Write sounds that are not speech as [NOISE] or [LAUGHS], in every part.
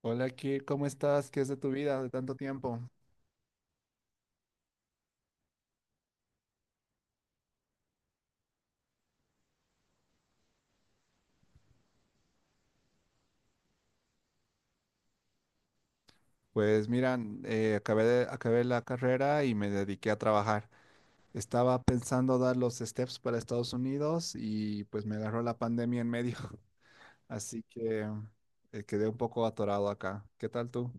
Hola, Kir, ¿cómo estás? ¿Qué es de tu vida de tanto tiempo? Pues mira, acabé la carrera y me dediqué a trabajar. Estaba pensando dar los steps para Estados Unidos y pues me agarró la pandemia en medio, [LAUGHS] así que quedé un poco atorado acá. ¿Qué tal tú?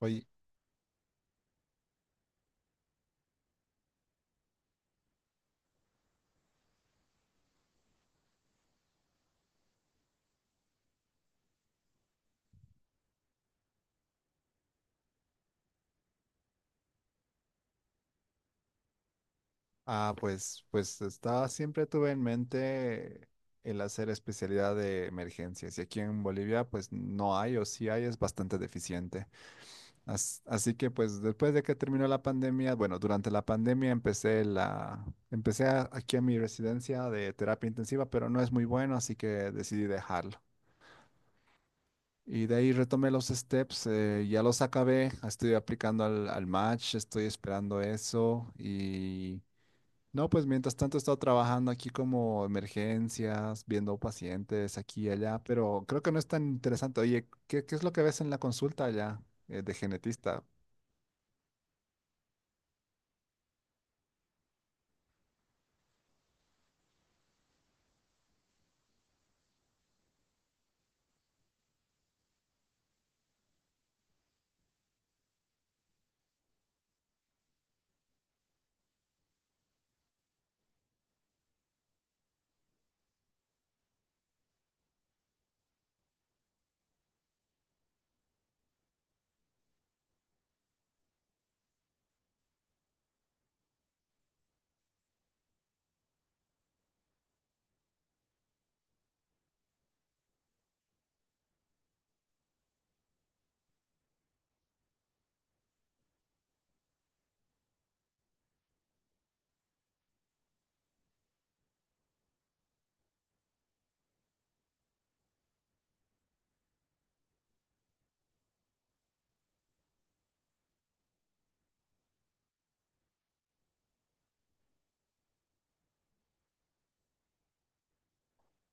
Oye, pues, siempre tuve en mente el hacer especialidad de emergencias y aquí en Bolivia pues no hay o sí hay, es bastante deficiente. Así que pues después de que terminó la pandemia, bueno, durante la pandemia empecé la empecé a- aquí a mi residencia de terapia intensiva, pero no es muy bueno, así que decidí dejarlo. Y de ahí retomé los steps, ya los acabé, estoy aplicando al match, estoy esperando eso y no, pues mientras tanto he estado trabajando aquí como emergencias, viendo pacientes aquí y allá, pero creo que no es tan interesante. Oye, ¿qué es lo que ves en la consulta allá, de genetista?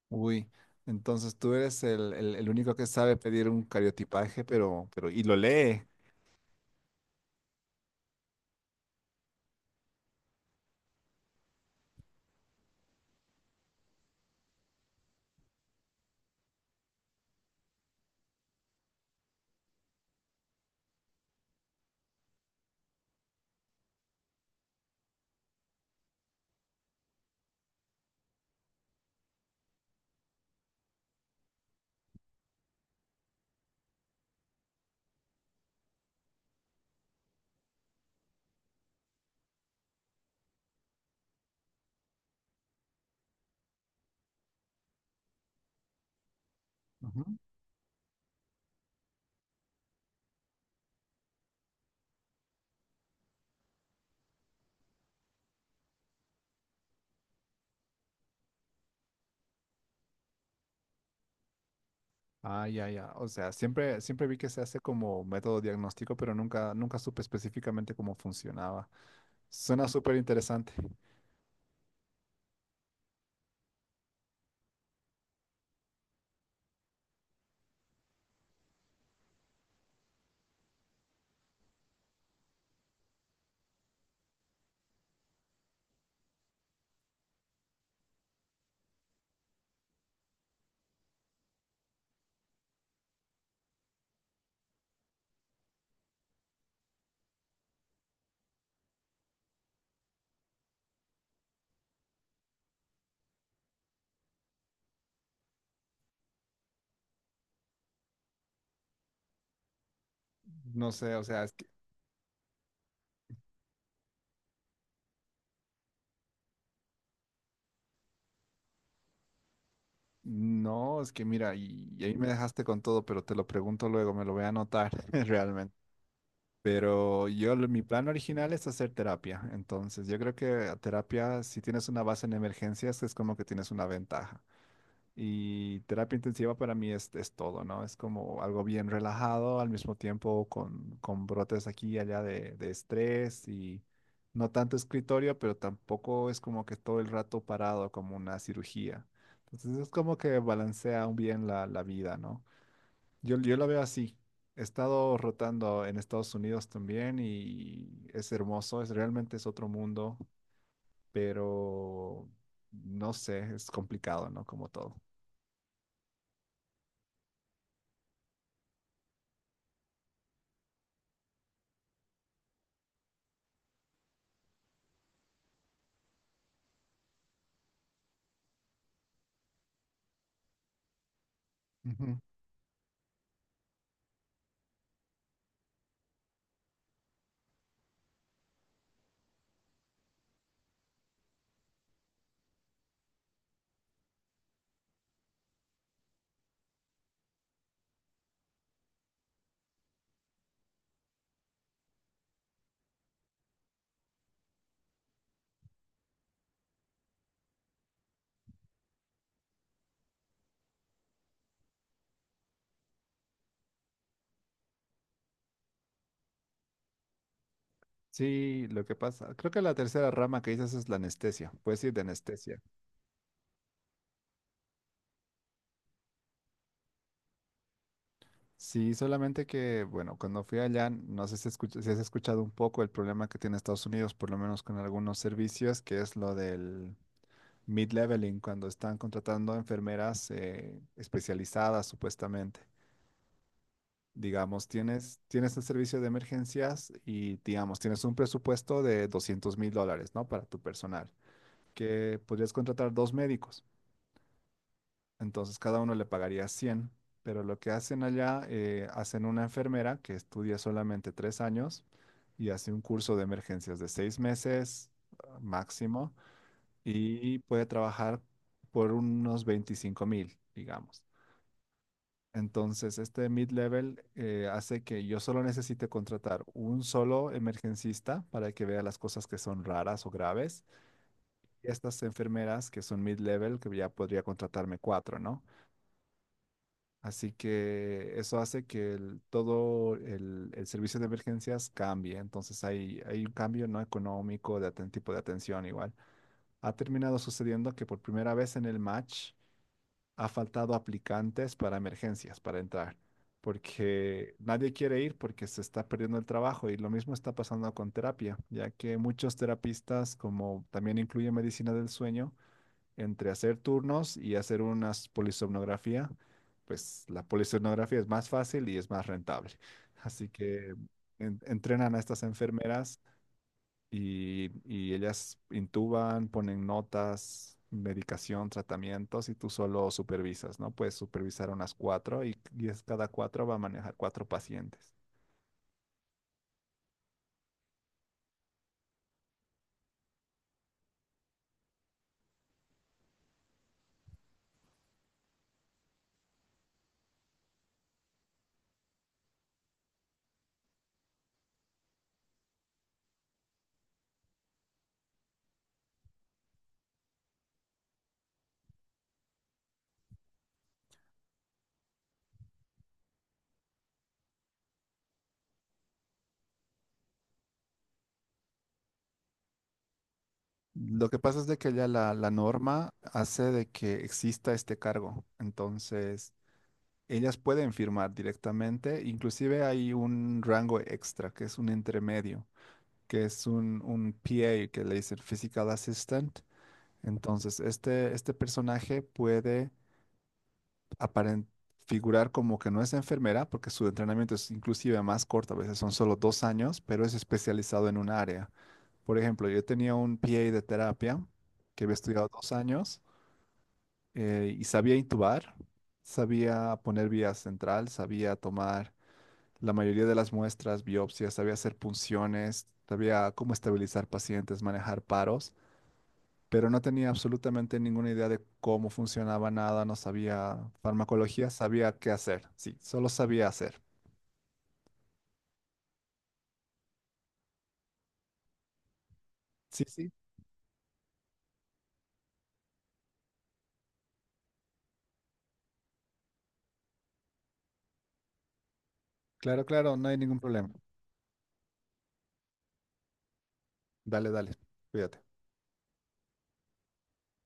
Uy, entonces tú eres el único que sabe pedir un cariotipaje, pero, y lo lee. Ujú. Ah, ya, ya. O sea, siempre vi que se hace como método diagnóstico, pero nunca supe específicamente cómo funcionaba. Suena súper interesante. No sé, o sea, es que, no, es que mira, y ahí me dejaste con todo, pero te lo pregunto luego, me lo voy a anotar [LAUGHS] realmente. Pero yo, mi plan original es hacer terapia. Entonces, yo creo que a terapia, si tienes una base en emergencias, es como que tienes una ventaja. Y terapia intensiva para mí es todo, ¿no? Es como algo bien relajado, al mismo tiempo con brotes aquí y allá de estrés y no tanto escritorio, pero tampoco es como que todo el rato parado como una cirugía. Entonces, es como que balancea bien la vida, ¿no? Yo la veo así. He estado rotando en Estados Unidos también y es hermoso, es realmente es otro mundo, pero no sé, es complicado, ¿no? Como todo. Ujú. Sí, lo que pasa, creo que la tercera rama que dices es la anestesia, puedes ir de anestesia. Sí, solamente que, bueno, cuando fui allá, no sé si has escuchado un poco el problema que tiene Estados Unidos, por lo menos con algunos servicios, que es lo del mid-leveling, cuando están contratando enfermeras especializadas, supuestamente. Digamos, tienes el servicio de emergencias y, digamos, tienes un presupuesto de $200.000, ¿no? Para tu personal, que podrías contratar dos médicos. Entonces, cada uno le pagaría 100, pero lo que hacen allá, hacen una enfermera que estudia solamente 3 años y hace un curso de emergencias de 6 meses máximo, y puede trabajar por unos 25.000, digamos. Entonces, este mid-level hace que yo solo necesite contratar un solo emergencista para que vea las cosas que son raras o graves. Y estas enfermeras que son mid-level, que ya podría contratarme cuatro, ¿no? Así que eso hace que todo el servicio de emergencias cambie. Entonces hay un cambio no económico de tipo de atención igual. Ha terminado sucediendo que por primera vez en el match ha faltado aplicantes para emergencias, para entrar, porque nadie quiere ir porque se está perdiendo el trabajo y lo mismo está pasando con terapia, ya que muchos terapistas, como también incluye medicina del sueño, entre hacer turnos y hacer una polisomnografía, pues la polisomnografía es más fácil y es más rentable. Así que entrenan a estas enfermeras y ellas intuban, ponen notas, medicación, tratamientos y tú solo supervisas, ¿no? Puedes supervisar unas cuatro y es cada cuatro va a manejar cuatro pacientes. Lo que pasa es de que ya la norma hace de que exista este cargo. Entonces, ellas pueden firmar directamente. Inclusive hay un rango extra, que es un intermedio, que es un PA, que le dicen Physical Assistant. Entonces, este personaje puede aparent figurar como que no es enfermera, porque su entrenamiento es inclusive más corto, a veces son solo 2 años, pero es especializado en un área. Por ejemplo, yo tenía un PA de terapia que había estudiado 2 años y sabía intubar, sabía poner vía central, sabía tomar la mayoría de las muestras, biopsias, sabía hacer punciones, sabía cómo estabilizar pacientes, manejar paros, pero no tenía absolutamente ninguna idea de cómo funcionaba nada, no sabía farmacología, sabía qué hacer, sí, solo sabía hacer. Sí, sí, claro, claro, no hay ningún problema. Dale, dale, cuídate.